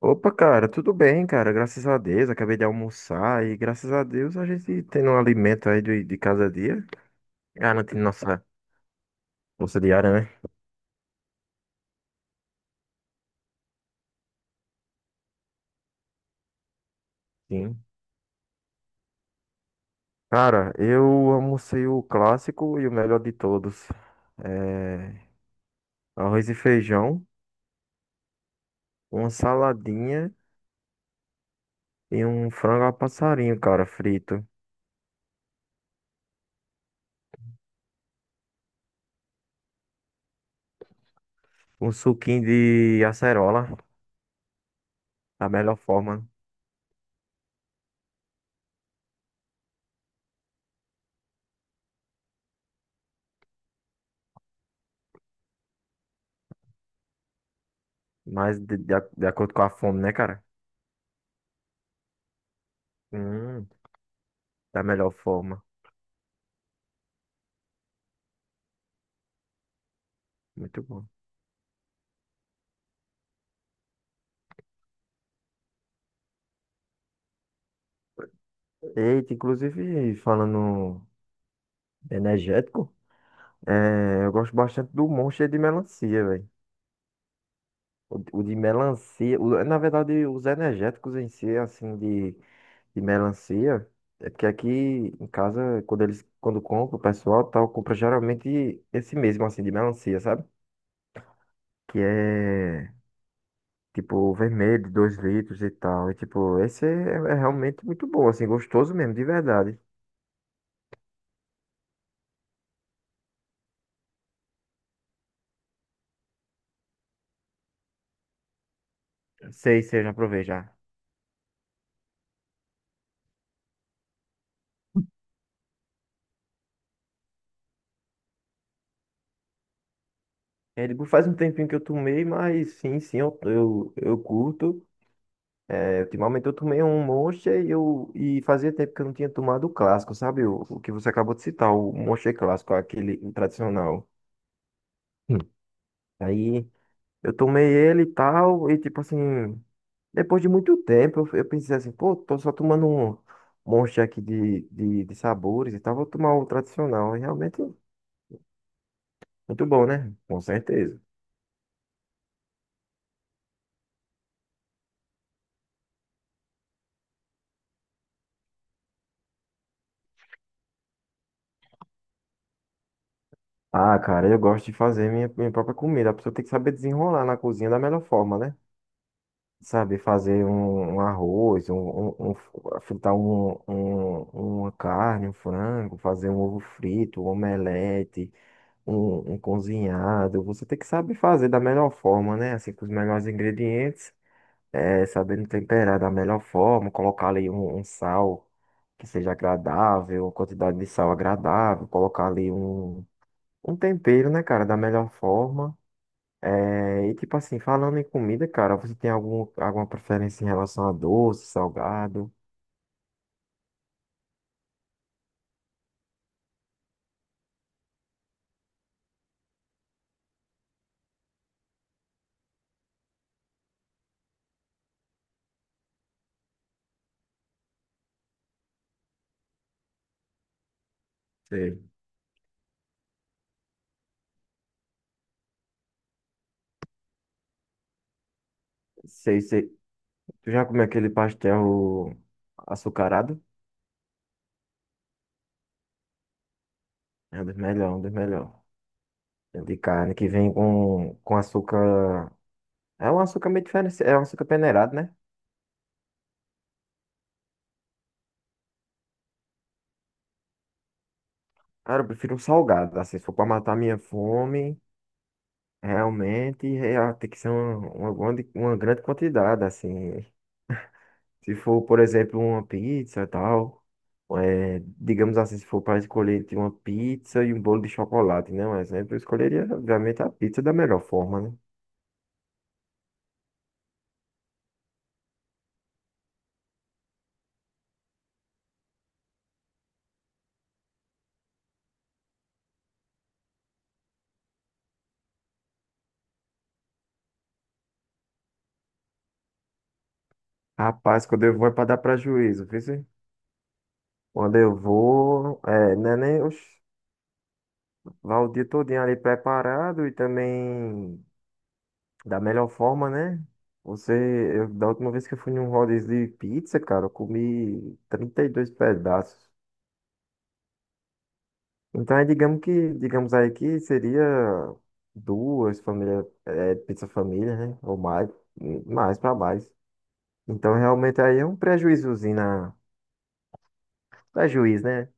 Opa, cara, tudo bem, cara? Graças a Deus, acabei de almoçar e graças a Deus a gente tendo um alimento aí de cada dia, garantindo nossa bolsa diária, né? Sim. Cara, eu almocei o clássico e o melhor de todos. É, arroz e feijão, uma saladinha e um frango a passarinho, cara, frito. Um suquinho de acerola, da melhor forma, mas de acordo com a fome, né, cara? Hum, da melhor forma. Muito bom. Eita, inclusive, falando energético, eu gosto bastante do Monster de melancia, velho. O de melancia, o- Na verdade, os energéticos em si, assim, de melancia, é porque aqui em casa, quando compra, o pessoal tal, compra geralmente esse mesmo, assim, de melancia, sabe? Que é, tipo, vermelho, 2 litros e tal. E, tipo, esse é realmente muito bom, assim, gostoso mesmo, de verdade. Sei, sei, já provei já. É, tipo, faz um tempinho que eu tomei, mas sim, sim, eu curto. É, ultimamente eu tomei um Monster e fazia tempo que eu não tinha tomado o clássico, sabe? O que você acabou de citar, o Monster clássico, aquele tradicional. Hum. Aí eu tomei ele e tal, e tipo assim, depois de muito tempo eu pensei assim, pô, tô só tomando um Monster aqui de sabores e tal, vou tomar o tradicional. E realmente muito bom, né? Com certeza. Ah, cara, eu gosto de fazer minha própria comida. A pessoa tem que saber desenrolar na cozinha da melhor forma, né? Saber fazer um arroz, fritar uma carne, um frango, fazer um ovo frito, um omelete, um cozinhado. Você tem que saber fazer da melhor forma, né? Assim, com os melhores ingredientes, sabendo temperar da melhor forma, colocar ali um sal que seja agradável, uma quantidade de sal agradável, colocar ali um tempero, né, cara, da melhor forma. É, e tipo assim, falando em comida, cara, você tem alguma preferência em relação a doce, salgado? Sei. Sei, sei. Tu já comeu aquele pastel açucarado? É um dos melhores, um dos melhores. É de carne que vem com açúcar. É um açúcar meio diferente, é um açúcar peneirado, né? Cara, eu prefiro um salgado, assim, se for pra matar minha fome, realmente, é, tem que ser uma grande quantidade, assim. Se for, por exemplo, uma pizza e tal, é, digamos assim, se for para escolher entre uma pizza e um bolo de chocolate, né? Um exemplo, eu escolheria, obviamente, a pizza da melhor forma, né? Rapaz, quando eu vou é para dar prejuízo, viu, cê? Quando eu vou, é, né, nem, oxe, vai o dia todinho ali preparado e também da melhor forma, né? Você, eu, da última vez que eu fui num rodízio de pizza, cara, eu comi 32 pedaços. Então, é, digamos que, digamos aí que seria duas famílias, é, pizza família, né? Ou mais, mais para mais. Então, realmente aí é um prejuízozinho prejuízo, né?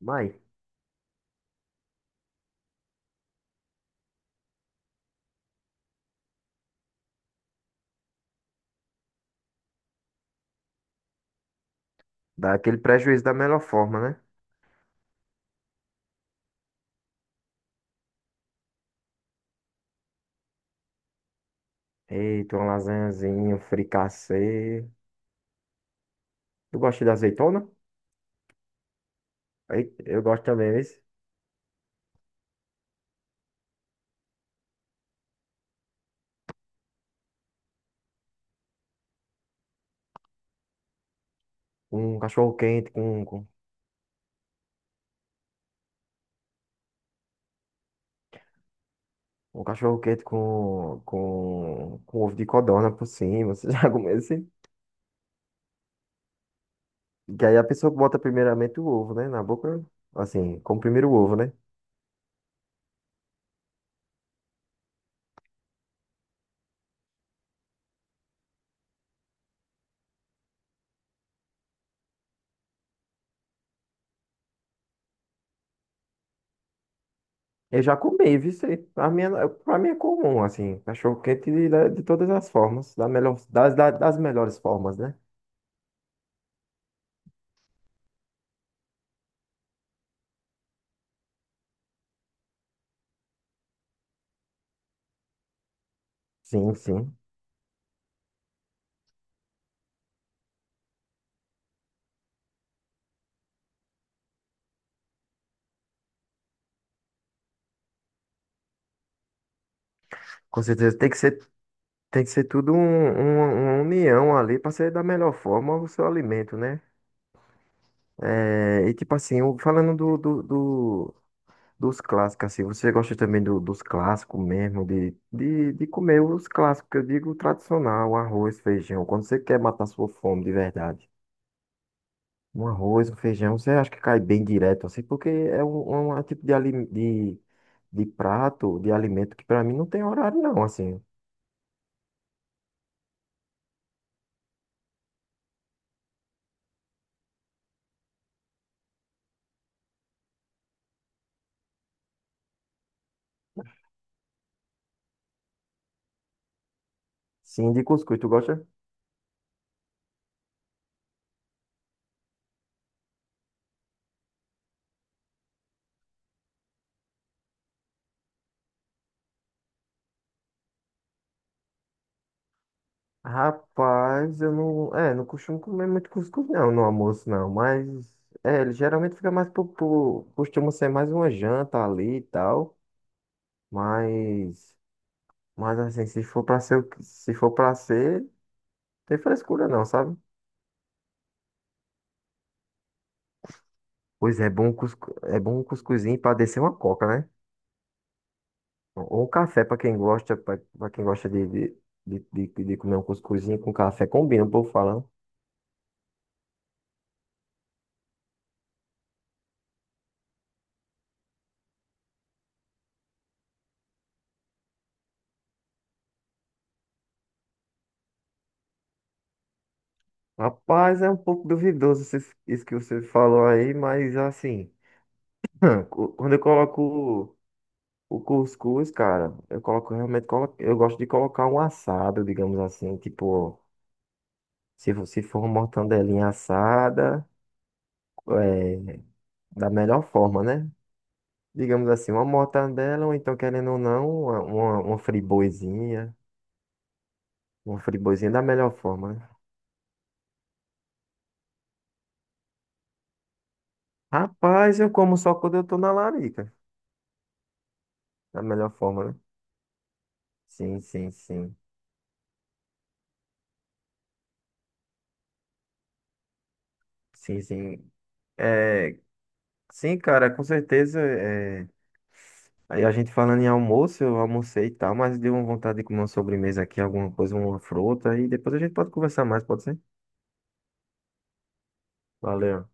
Mas dá aquele prejuízo da melhor forma, né? Eita, uma lasanhazinha, um fricassê. Tu gosta de azeitona? Ei, eu gosto também, esse. Um cachorro quente com Um cachorro quente com ovo de codorna por cima. Você já comeu isso? Que aí a pessoa bota primeiramente o ovo, né? Na boca, assim, como primeiro o ovo, né? Eu já comi, viu? Isso aí? Pra mim, pra mim é comum, assim, cachorro quente de todas as formas, da melhor, das melhores formas, né? Sim, sim. Com certeza tem que ser tudo uma união ali pra ser da melhor forma o seu alimento, né? É, e tipo assim, falando dos clássicos, assim, você gosta também dos clássicos mesmo, de comer os clássicos, que eu digo tradicional, arroz, feijão, quando você quer matar sua fome de verdade. Um arroz, um feijão, você acha que cai bem direto, assim, porque é é um tipo de prato, de alimento, que pra mim não tem horário não, assim. Sim, de cuscuz, tu gosta? Rapaz, eu não, é, não costumo comer muito cuscuz não, no almoço não, mas, é, ele geralmente fica mais costuma ser mais uma janta ali e tal. Mas, mas assim, se for pra ser, se for para ser, tem frescura não, sabe? Pois é bom um cuscuzinho pra descer uma coca, né? Ou um café pra quem gosta, pra quem gosta de, de de comer um cuscuzinho com café, combina, o povo fala, né? Rapaz, é um pouco duvidoso isso que você falou aí, mas assim, quando eu coloco o cuscuz, cara, eu coloco realmente, eu gosto de colocar um assado, digamos assim, tipo se você for uma mortandelinha assada, é, da melhor forma, né? Digamos assim, uma mortandela, ou então, querendo ou não, uma friboizinha. Uma friboizinha da melhor forma, né? Rapaz, eu como só quando eu tô na larica. Da melhor forma, né? Sim, sim, sim. Sim, sim. É, sim, cara, com certeza. Aí a gente falando em almoço, eu almocei e tal, mas deu uma vontade de comer uma sobremesa aqui, alguma coisa, uma fruta, e depois a gente pode conversar mais, pode ser? Valeu.